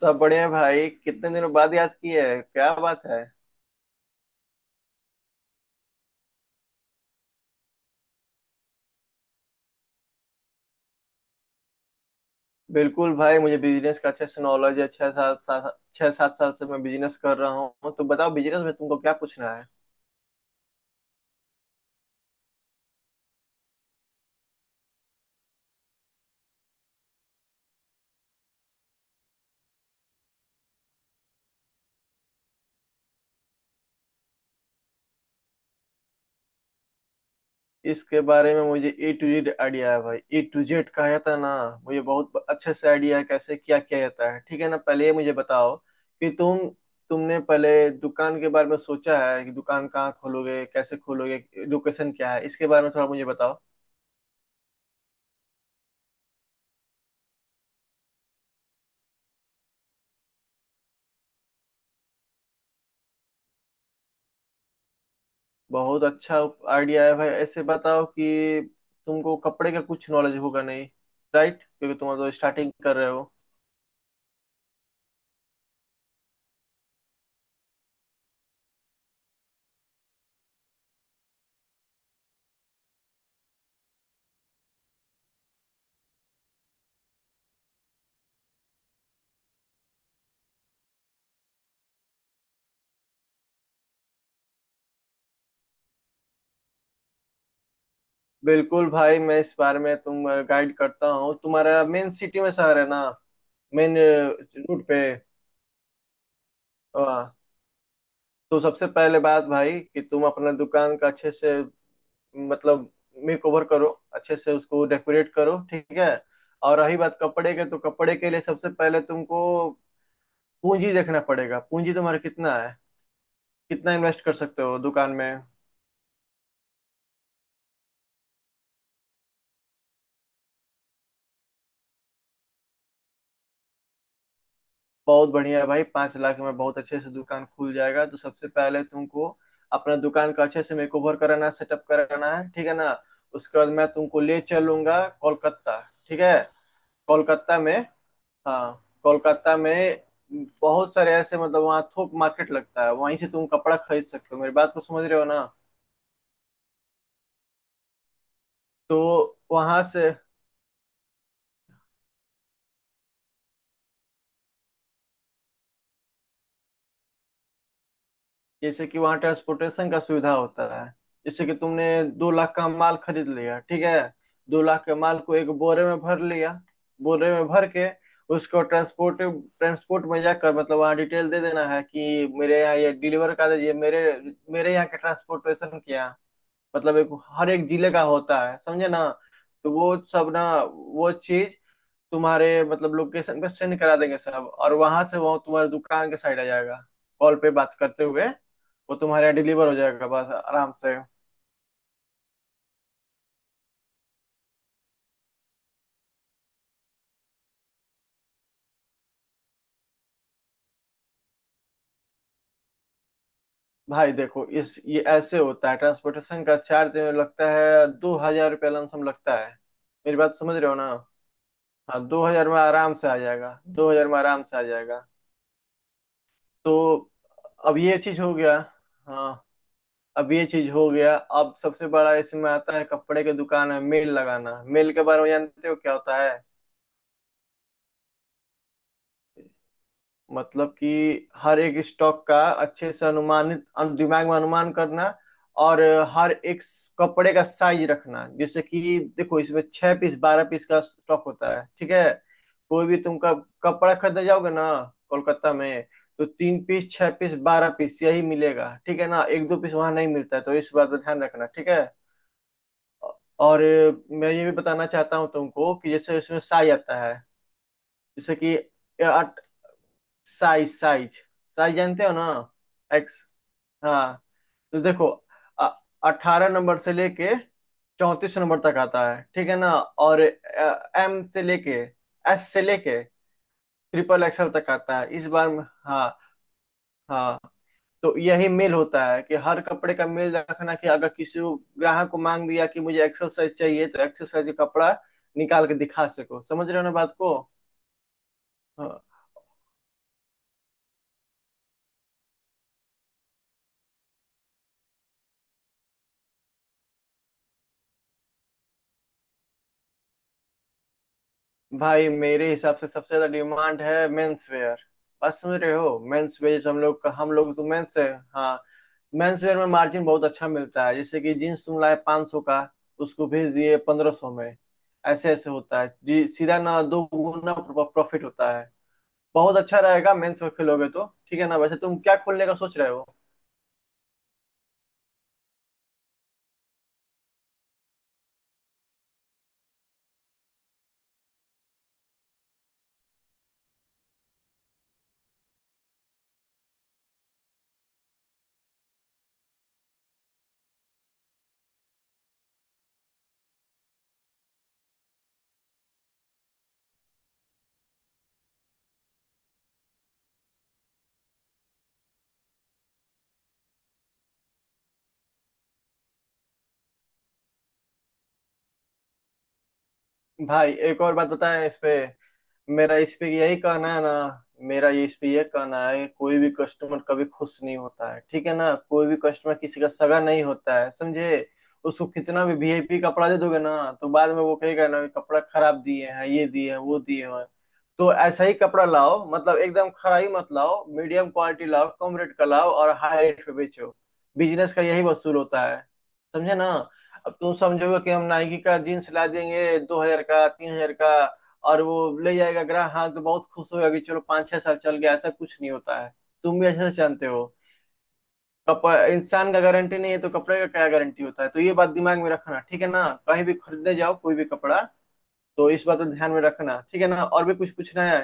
सब बढ़िया भाई। कितने दिनों बाद याद किए है, क्या बात है। बिल्कुल भाई, मुझे बिजनेस का अच्छा सा नॉलेज है। छह सात सात छह सात साल से मैं बिजनेस कर रहा हूँ। तो बताओ, बिजनेस में तुमको क्या पूछना है। इसके बारे में मुझे ए टू जेड आइडिया है भाई। ए टू जेड कहा जाता है ना। मुझे बहुत अच्छे से आइडिया है कैसे क्या किया जाता है। ठीक है ना, पहले ये मुझे बताओ कि तुमने पहले दुकान के बारे में सोचा है कि दुकान कहाँ खोलोगे, कैसे खोलोगे। लोकेशन क्या है, इसके बारे में थोड़ा मुझे बताओ। बहुत अच्छा आइडिया है भाई। ऐसे बताओ कि तुमको कपड़े का कुछ नॉलेज होगा नहीं, राइट? क्योंकि तुम तो स्टार्टिंग कर रहे हो। बिल्कुल भाई, मैं इस बारे में तुम गाइड करता हूँ। तुम्हारा मेन सिटी में शहर है ना, मेन रूट पे? हाँ, तो सबसे पहले बात भाई कि तुम अपना दुकान का अच्छे से मतलब मेक ओवर करो, अच्छे से उसको डेकोरेट करो, ठीक है। और रही बात कपड़े के, तो कपड़े के लिए सबसे पहले तुमको पूंजी देखना पड़ेगा। पूंजी तुम्हारा कितना है, कितना इन्वेस्ट कर सकते हो दुकान में। बहुत बढ़िया है भाई, 5 लाख में बहुत अच्छे से दुकान खुल जाएगा। तो सबसे पहले तुमको अपना दुकान का अच्छे से मेकओवर कराना, सेटअप कराना है, ठीक है ना। उसके बाद मैं तुमको ले चलूंगा कोलकाता, ठीक है। कोलकाता में, हाँ कोलकाता में बहुत सारे ऐसे मतलब वहाँ थोक मार्केट लगता है, वहीं से तुम कपड़ा खरीद सकते हो। मेरी बात को समझ रहे हो ना। तो वहां से जैसे कि वहाँ ट्रांसपोर्टेशन का सुविधा होता है। जैसे कि तुमने 2 लाख का माल खरीद लिया, ठीक है। 2 लाख के माल को एक बोरे में भर लिया, बोरे में भर के उसको ट्रांसपोर्ट ट्रांसपोर्ट में जाकर मतलब वहाँ डिटेल दे देना है कि मेरे यहाँ ये डिलीवर कर दीजिए। मेरे मेरे यहाँ के ट्रांसपोर्टेशन क्या, मतलब एक हर एक जिले का होता है, समझे ना। तो वो सब ना, वो चीज तुम्हारे मतलब लोकेशन पे सेंड करा देंगे सब, और वहां से वो तुम्हारे दुकान के साइड आ जाएगा। कॉल पे बात करते हुए वो तुम्हारे यहाँ डिलीवर हो जाएगा, बस आराम से। भाई देखो, इस ये ऐसे होता है, ट्रांसपोर्टेशन का चार्ज लगता है, 2 हजार रुपया लमसम लगता है। मेरी बात समझ रहे हो ना। हाँ, 2 हजार में आराम से आ जाएगा, 2 हजार में आराम से आ जाएगा। तो अब ये चीज हो गया। हाँ, अब ये चीज हो गया। अब सबसे बड़ा इसमें आता है, कपड़े के दुकान है मेल लगाना। मेल के बारे में जानते हो क्या होता है? मतलब कि हर एक स्टॉक का अच्छे से अनुमानित दिमाग में अनुमान करना, और हर एक कपड़े का साइज रखना। जैसे कि देखो, इसमें 6 पीस 12 पीस का स्टॉक होता है, ठीक है। कोई भी तुम कपड़ा खरीदने जाओगे ना, कोलकाता में, तो 3 पीस 6 पीस 12 पीस यही मिलेगा, ठीक है ना। एक दो पीस वहां नहीं मिलता है, तो इस बात का ध्यान रखना, ठीक है। और मैं ये भी बताना चाहता हूँ तुमको कि जैसे इसमें साइज आता है। जैसे कि साइज साइज साइज जानते हो ना? एक्स, हाँ। तो देखो, 18 नंबर से लेके 34 नंबर तक आता है, ठीक है ना। और एम से लेके एस से लेके ट्रिपल एक्सएल तक आता है। हाँ, हाँ। तो यही मेल होता है कि हर कपड़े का मेल रखना, कि अगर ग्राहक को मांग दिया कि मुझे एक्सल साइज चाहिए, तो एक्सल साइज का कपड़ा निकाल के दिखा सको। समझ रहे हो ना बात को। हाँ। भाई मेरे हिसाब से सबसे ज्यादा डिमांड है मेंस वेयर। बात समझ रहे हो, मेंस वेयर। हम लोग का, हम लोग तो मेंस है। हाँ, मेंस वेयर में मार्जिन बहुत अच्छा मिलता है। जैसे कि जीन्स तुम लाए 500 सौ का, उसको भेज दिए 1500 में। ऐसे ऐसे होता है जी, सीधा ना दो गुना प्रॉफिट होता है। बहुत अच्छा रहेगा मेंस वेयर खोलोगे तो, ठीक है ना। वैसे तुम क्या खोलने का सोच रहे हो? भाई एक और बात बताएं इस पे। मेरा इस पे यही कहना है ना, मेरा ये इस पे ये कहना है, कोई भी कस्टमर कभी खुश नहीं होता है, ठीक है ना। कोई भी कस्टमर किसी का सगा नहीं होता है, समझे। उसको कितना भी वीआईपी कपड़ा दे दोगे ना, तो बाद में वो कहेगा ना कि कपड़ा खराब दिए हैं, ये दिए हैं, वो दिए हैं। तो ऐसा ही कपड़ा लाओ, मतलब एकदम खरा ही मत लाओ, मीडियम क्वालिटी लाओ, कम रेट का लाओ और हाई रेट पे बेचो। बिजनेस का यही वसूल होता है, समझे ना। अब तुम समझोगे कि हम नाइकी का जीन्स ला देंगे 2 हजार का 3 हजार का, और वो ले जाएगा ग्राहक, हाँ तो बहुत खुश होगा कि चलो पाँच छह साल चल गया, ऐसा कुछ नहीं होता है। तुम भी अच्छे से जानते हो। कपड़ा इंसान का गारंटी नहीं है, तो कपड़े का क्या गारंटी होता है। तो ये बात दिमाग में रखना, ठीक है ना, कहीं भी खरीदने जाओ कोई भी कपड़ा। तो इस बात को ध्यान में रखना, ठीक है ना। और भी कुछ पूछना है?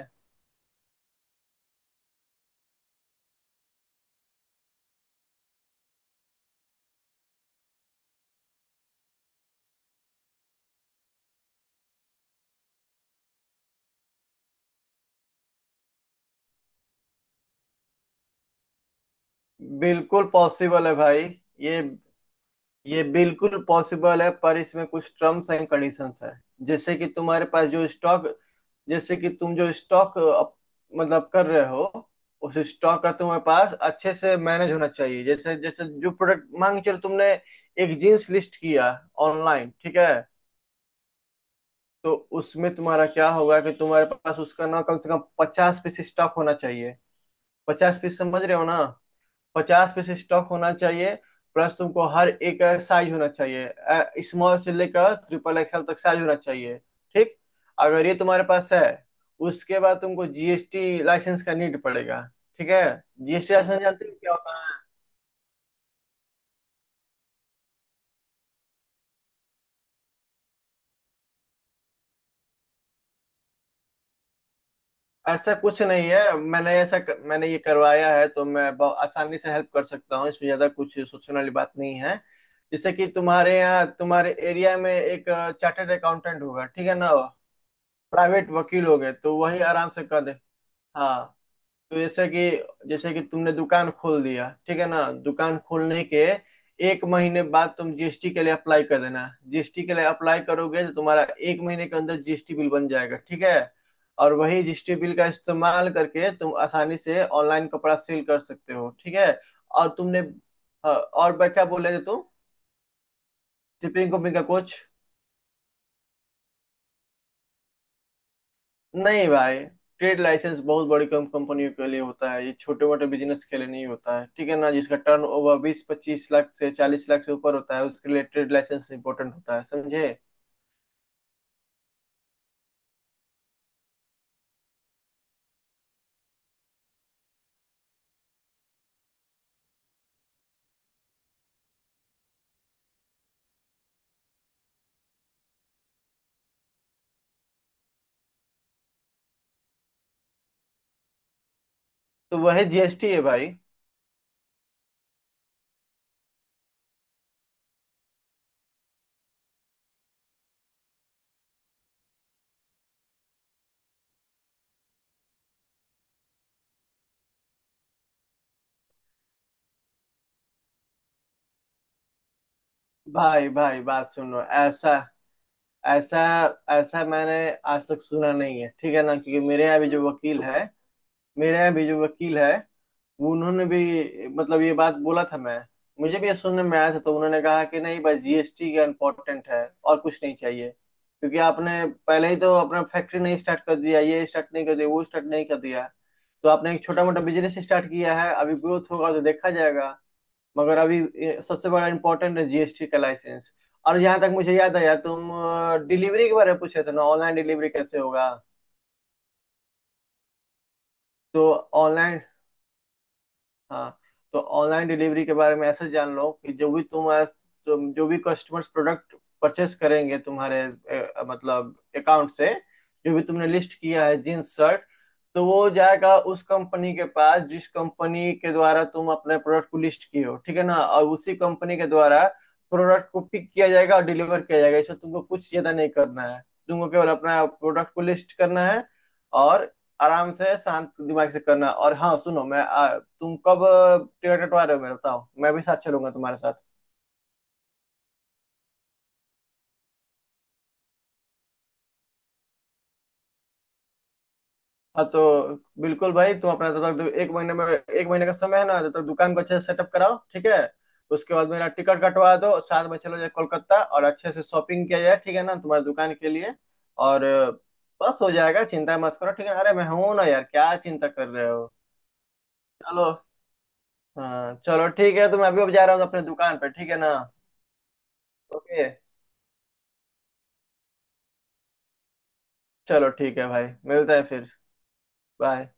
बिल्कुल पॉसिबल है भाई। ये ये बिल्कुल पॉसिबल है, पर इसमें कुछ टर्म्स एंड कंडीशंस है। जैसे कि तुम्हारे पास जो स्टॉक, जैसे कि तुम जो स्टॉक मतलब कर रहे हो, उस स्टॉक का तुम्हारे पास अच्छे से मैनेज होना चाहिए। जैसे जैसे जो प्रोडक्ट मांग, चलो तुमने एक जींस लिस्ट किया ऑनलाइन, ठीक है। तो उसमें तुम्हारा क्या होगा, कि तुम्हारे पास उसका ना कम से कम 50 पीस स्टॉक होना चाहिए। 50 पीस, समझ रहे हो ना, 50 पीस स्टॉक होना चाहिए। प्लस तुमको हर एक साइज होना चाहिए, स्मॉल से लेकर ट्रिपल एक्सएल तक साइज होना चाहिए, ठीक। अगर ये तुम्हारे पास है, उसके बाद तुमको जीएसटी लाइसेंस का नीड पड़ेगा, ठीक है। जीएसटी लाइसेंस जानते हो क्या होता है? ऐसा कुछ नहीं है, मैंने ये करवाया है, तो मैं बहुत आसानी से हेल्प कर सकता हूँ इसमें। ज्यादा कुछ सोचने वाली बात नहीं है। जैसे कि तुम्हारे यहाँ, तुम्हारे एरिया में एक चार्टर्ड अकाउंटेंट होगा, ठीक है ना, प्राइवेट वकील हो गए, तो वही आराम से कर दे। हाँ। तो जैसे कि तुमने दुकान खोल दिया, ठीक है ना। दुकान खोलने के एक महीने बाद तुम जीएसटी के लिए अप्लाई कर देना। जीएसटी के लिए अप्लाई करोगे तो तुम्हारा एक महीने के अंदर जीएसटी बिल बन जाएगा, ठीक है। और वही जीएसटी बिल का इस्तेमाल करके तुम आसानी से ऑनलाइन कपड़ा सेल कर सकते हो, ठीक है। और तुमने, हाँ, और क्या बोले थे तुम, शिपिंग कंपनी का कुछ? नहीं भाई, ट्रेड लाइसेंस बहुत बड़ी कम कंपनियों के लिए होता है, ये छोटे मोटे बिजनेस के लिए नहीं होता है, ठीक है ना। जिसका टर्न ओवर 20-25 लाख से 40 लाख से ऊपर होता है, उसके लिए ट्रेड लाइसेंस इंपॉर्टेंट होता है, समझे। तो वही जीएसटी है भाई। भाई भाई बात सुनो। ऐसा ऐसा ऐसा मैंने आज तक सुना नहीं है, ठीक है ना। क्योंकि मेरे यहाँ भी जो वकील है, मेरे यहाँ भी जो वकील है वो उन्होंने भी मतलब ये बात बोला था। मैं मुझे भी ये सुनने में आया था, तो उन्होंने कहा कि नहीं, बस जीएसटी का इम्पोर्टेंट है, और कुछ नहीं चाहिए, क्योंकि आपने पहले ही तो अपना फैक्ट्री नहीं स्टार्ट कर दिया, ये स्टार्ट नहीं कर दिया, वो स्टार्ट नहीं कर दिया। तो आपने एक छोटा मोटा बिजनेस स्टार्ट किया है, अभी ग्रोथ होगा तो देखा जाएगा। मगर अभी ये सबसे बड़ा इम्पोर्टेंट है, जीएसटी का लाइसेंस। और जहाँ तक मुझे याद आया, तुम डिलीवरी के बारे में पूछे थे ना, ऑनलाइन डिलीवरी कैसे होगा। तो ऑनलाइन, हाँ, तो ऑनलाइन डिलीवरी के बारे में ऐसे जान लो कि जो भी तुम तुम जो भी कस्टमर्स प्रोडक्ट परचेस करेंगे तुम्हारे मतलब अकाउंट से, जो भी तुमने लिस्ट किया है जींस शर्ट, तो वो जाएगा उस कंपनी के पास जिस कंपनी के द्वारा तुम अपने प्रोडक्ट को लिस्ट किए हो, ठीक है ना। और उसी कंपनी के द्वारा प्रोडक्ट को पिक किया जाएगा और डिलीवर किया जाएगा। इसमें तुमको कुछ ज्यादा नहीं करना है। तुमको केवल अपना प्रोडक्ट को लिस्ट करना है, और आराम से शांत दिमाग से करना। और हाँ सुनो, मैं तुम कब टिकट कटवा रहे हो, मेरा बताओ, मैं भी साथ चलूंगा तुम्हारे साथ। हाँ तो बिल्कुल भाई, तुम अपना, जब तक एक महीने में, एक महीने का समय है ना, जब तक दुकान को अच्छे से सेटअप कराओ, ठीक है। उसके बाद मेरा टिकट कटवा दो, साथ में चलो, जाए कोलकाता, और अच्छे से शॉपिंग किया जाए, ठीक है ना, तुम्हारी दुकान के लिए। और बस हो जाएगा, चिंता मत करो, ठीक है। अरे मैं हूं ना यार, क्या चिंता कर रहे हो। चलो, हाँ चलो ठीक है, तो मैं अभी अब जा रहा हूँ अपने दुकान पर, ठीक है ना। ओके, चलो, ठीक है भाई, मिलते हैं फिर। बाय।